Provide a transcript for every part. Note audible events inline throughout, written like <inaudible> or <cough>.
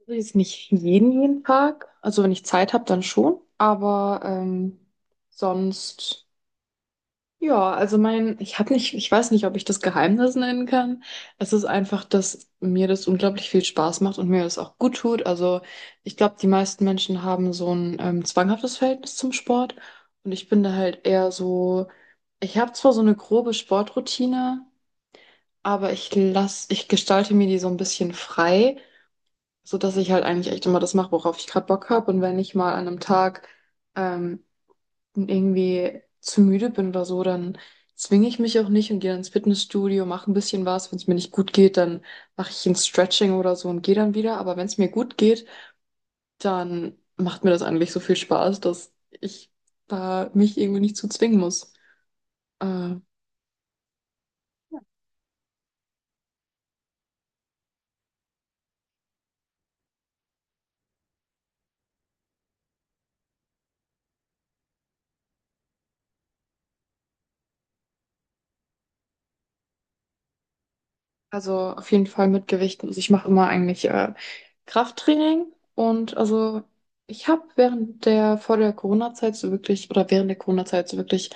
Also jetzt nicht jeden Tag. Also wenn ich Zeit habe, dann schon. Aber sonst, ja, also mein, ich habe nicht, ich weiß nicht, ob ich das Geheimnis nennen kann. Es ist einfach, dass mir das unglaublich viel Spaß macht und mir das auch gut tut. Also ich glaube, die meisten Menschen haben so ein zwanghaftes Verhältnis zum Sport. Und ich bin da halt eher so, ich habe zwar so eine grobe Sportroutine, aber ich lass, ich gestalte mir die so ein bisschen frei, so dass ich halt eigentlich echt immer das mache, worauf ich gerade Bock habe. Und wenn ich mal an einem Tag ähm, irgendwie zu müde bin oder so, dann zwinge ich mich auch nicht und gehe dann ins Fitnessstudio, mache ein bisschen was. Wenn es mir nicht gut geht, dann mache ich ein Stretching oder so und gehe dann wieder. Aber wenn es mir gut geht, dann macht mir das eigentlich so viel Spaß, dass ich da mich irgendwie nicht zu zwingen muss. Äh, Also auf jeden Fall mit Gewichten. Also ich mache immer eigentlich Krafttraining, und also ich habe während der vor der Corona-Zeit so wirklich oder während der Corona-Zeit so wirklich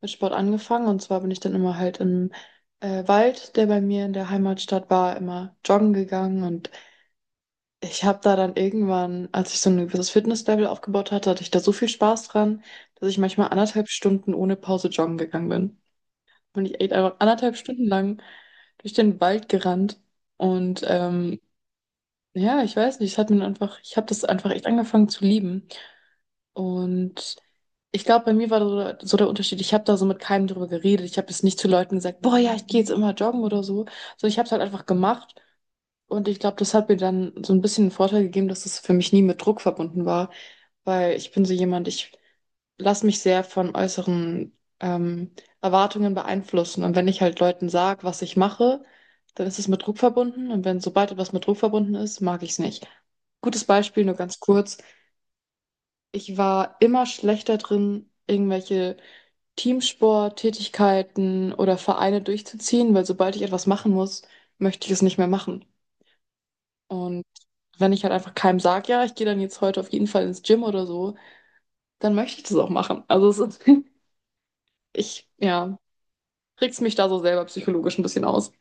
mit Sport angefangen, und zwar bin ich dann immer halt im Wald, der bei mir in der Heimatstadt war, immer joggen gegangen. Und ich habe da dann irgendwann, als ich so ein gewisses Fitnesslevel aufgebaut hatte, hatte ich da so viel Spaß dran, dass ich manchmal 1,5 Stunden ohne Pause joggen gegangen bin. Und ich echt einfach 1,5 Stunden lang durch den Wald gerannt. Und ja, ich weiß nicht, es hat mir einfach, ich habe das einfach echt angefangen zu lieben. Und ich glaube, bei mir war so, so der Unterschied, ich habe da so mit keinem drüber geredet. Ich habe jetzt nicht zu Leuten gesagt, boah, ja, ich gehe jetzt immer joggen oder so, sondern ich habe es halt einfach gemacht. Und ich glaube, das hat mir dann so ein bisschen einen Vorteil gegeben, dass es für mich nie mit Druck verbunden war, weil ich bin so jemand, ich lasse mich sehr von äußeren ähm, Erwartungen beeinflussen. Und wenn ich halt Leuten sage, was ich mache, dann ist es mit Druck verbunden. Und wenn sobald etwas mit Druck verbunden ist, mag ich es nicht. Gutes Beispiel, nur ganz kurz. Ich war immer schlechter drin, irgendwelche Teamsport-Tätigkeiten oder Vereine durchzuziehen, weil sobald ich etwas machen muss, möchte ich es nicht mehr machen. Und wenn ich halt einfach keinem sage, ja, ich gehe dann jetzt heute auf jeden Fall ins Gym oder so, dann möchte ich das auch machen. Also es ist, <laughs> ich, ja, reg's mich da so selber psychologisch ein bisschen aus.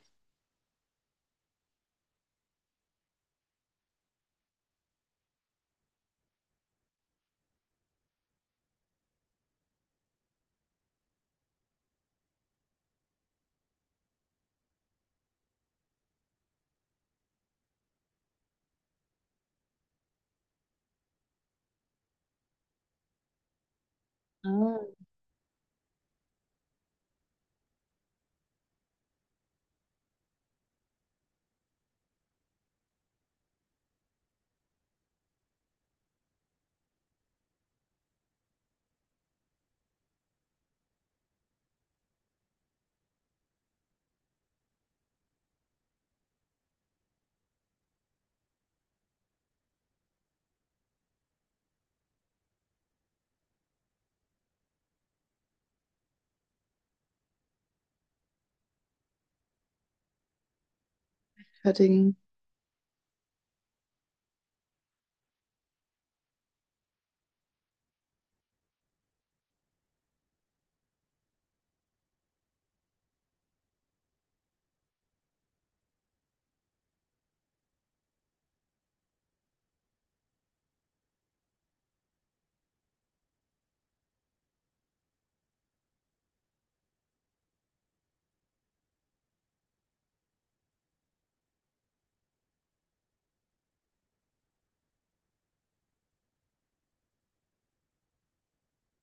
Ah. Fertigen.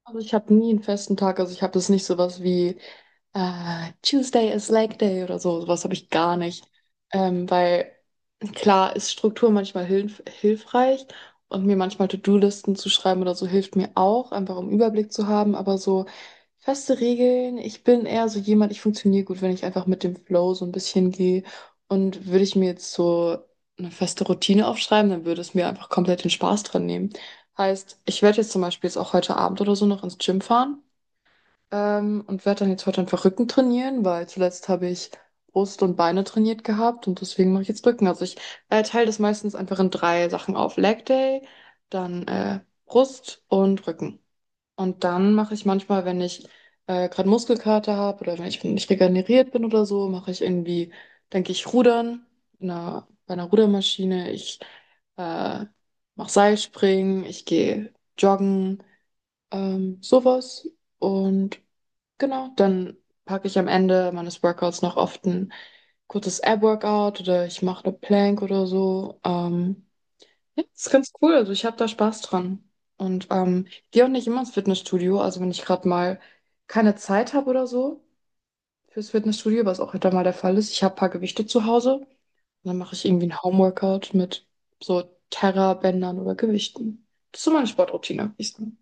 Also ich habe nie einen festen Tag, also ich habe das nicht, sowas wie Tuesday is Leg Day oder so, sowas habe ich gar nicht. Weil klar ist Struktur manchmal hilfreich, und mir manchmal To-Do-Listen zu schreiben oder so hilft mir auch, einfach um Überblick zu haben. Aber so feste Regeln, ich bin eher so jemand, ich funktioniere gut, wenn ich einfach mit dem Flow so ein bisschen gehe. Und würde ich mir jetzt so eine feste Routine aufschreiben, dann würde es mir einfach komplett den Spaß dran nehmen. Heißt, ich werde jetzt zum Beispiel jetzt auch heute Abend oder so noch ins Gym fahren, und werde dann jetzt heute einfach Rücken trainieren, weil zuletzt habe ich Brust und Beine trainiert gehabt und deswegen mache ich jetzt Rücken. Also ich teile das meistens einfach in drei Sachen auf. Leg Day, dann Brust und Rücken. Und dann mache ich manchmal, wenn ich gerade Muskelkater habe oder wenn ich nicht regeneriert bin oder so, mache ich irgendwie, denke ich, Rudern in einer, bei einer Rudermaschine. Ich äh, mache Seilspringen, ich gehe joggen, sowas. Und genau, dann packe ich am Ende meines Workouts noch oft ein kurzes Ab-Workout, oder ich mache eine Plank oder so. Ja, das ist ganz cool. Also ich habe da Spaß dran. Und ich gehe auch nicht immer ins Fitnessstudio. Also wenn ich gerade mal keine Zeit habe oder so fürs Fitnessstudio, was auch öfter mal der Fall ist, ich habe ein paar Gewichte zu Hause. Und dann mache ich irgendwie ein Homeworkout mit so Terra-Bändern oder Gewichten. Das ist so meine Sportroutine, würde ich sagen.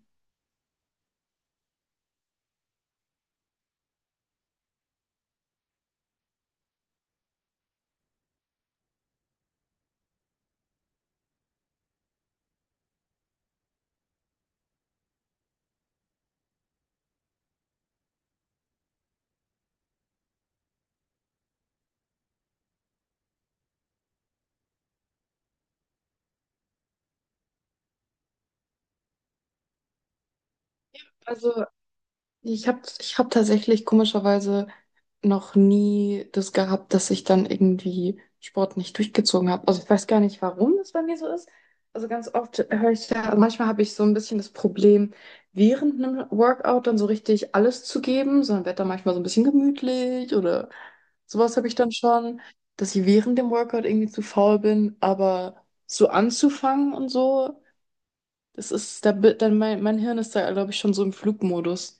Also ich hab tatsächlich komischerweise noch nie das gehabt, dass ich dann irgendwie Sport nicht durchgezogen habe. Also ich weiß gar nicht, warum das bei mir so ist. Also ganz oft höre ich ja, also manchmal habe ich so ein bisschen das Problem, während einem Workout dann so richtig alles zu geben, sondern werde dann manchmal so ein bisschen gemütlich. Oder sowas habe ich dann schon, dass ich während dem Workout irgendwie zu faul bin, aber so anzufangen und so, das ist, da, dann mein Hirn ist da, glaube ich, schon so im Flugmodus,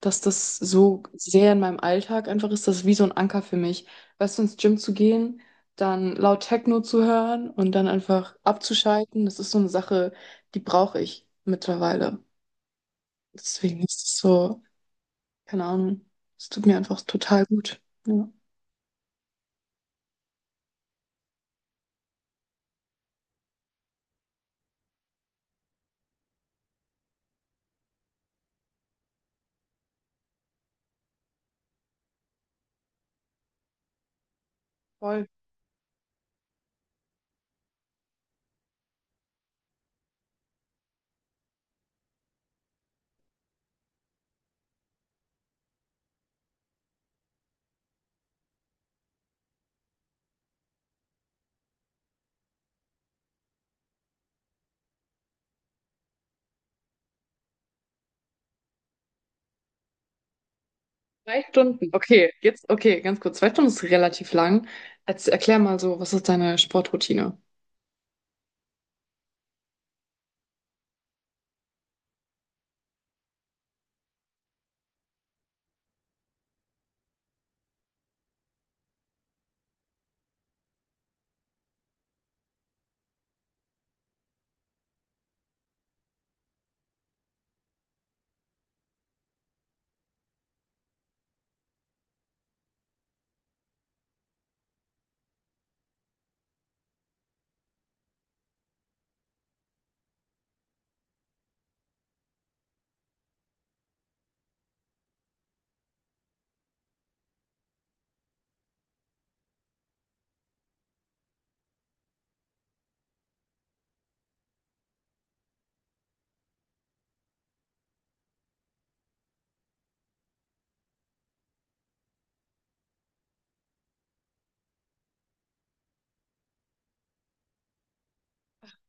dass das so sehr in meinem Alltag einfach ist, das ist wie so ein Anker für mich. Weißt du, ins Gym zu gehen, dann laut Techno zu hören und dann einfach abzuschalten, das ist so eine Sache, die brauche ich mittlerweile. Deswegen ist es so, keine Ahnung, es tut mir einfach total gut. Ja, voll. 2 Stunden, okay, jetzt, okay, ganz kurz. 2 Stunden ist relativ lang. Jetzt erklär mal, so, was ist deine Sportroutine?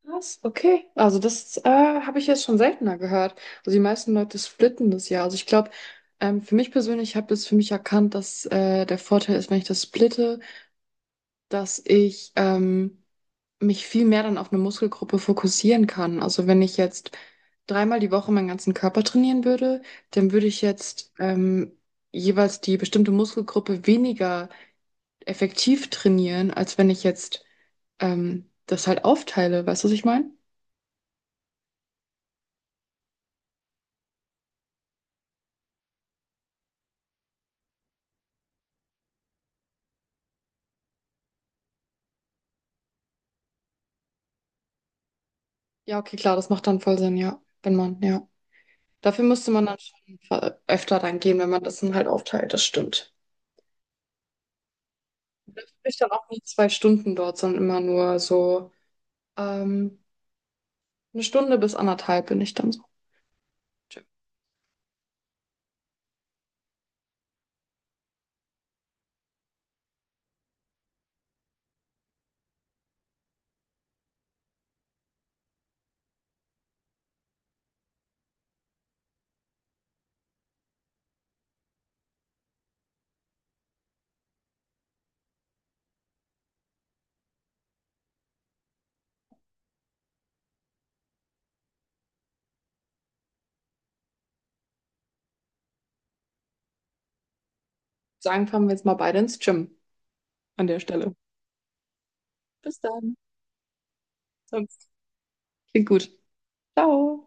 Was? Okay. Also das habe ich jetzt schon seltener gehört. Also die meisten Leute splitten das ja. Also ich glaube, für mich persönlich, ich habe das für mich erkannt, dass der Vorteil ist, wenn ich das splitte, dass ich mich viel mehr dann auf eine Muskelgruppe fokussieren kann. Also wenn ich jetzt dreimal die Woche meinen ganzen Körper trainieren würde, dann würde ich jetzt jeweils die bestimmte Muskelgruppe weniger effektiv trainieren, als wenn ich jetzt das halt aufteile. Weißt du, was ich meine? Ja, okay, klar, das macht dann voll Sinn, ja. Wenn man, ja. Dafür müsste man dann schon öfter dann gehen, wenn man das dann halt aufteilt, das stimmt. Dafür bin ich dann auch nie 2 Stunden dort, sondern immer nur so ähm, eine Stunde bis anderthalb bin ich dann so im Gym. Sagen, fahren wir jetzt mal beide ins Gym an der Stelle. Bis dann. Sonst klingt gut. Ciao.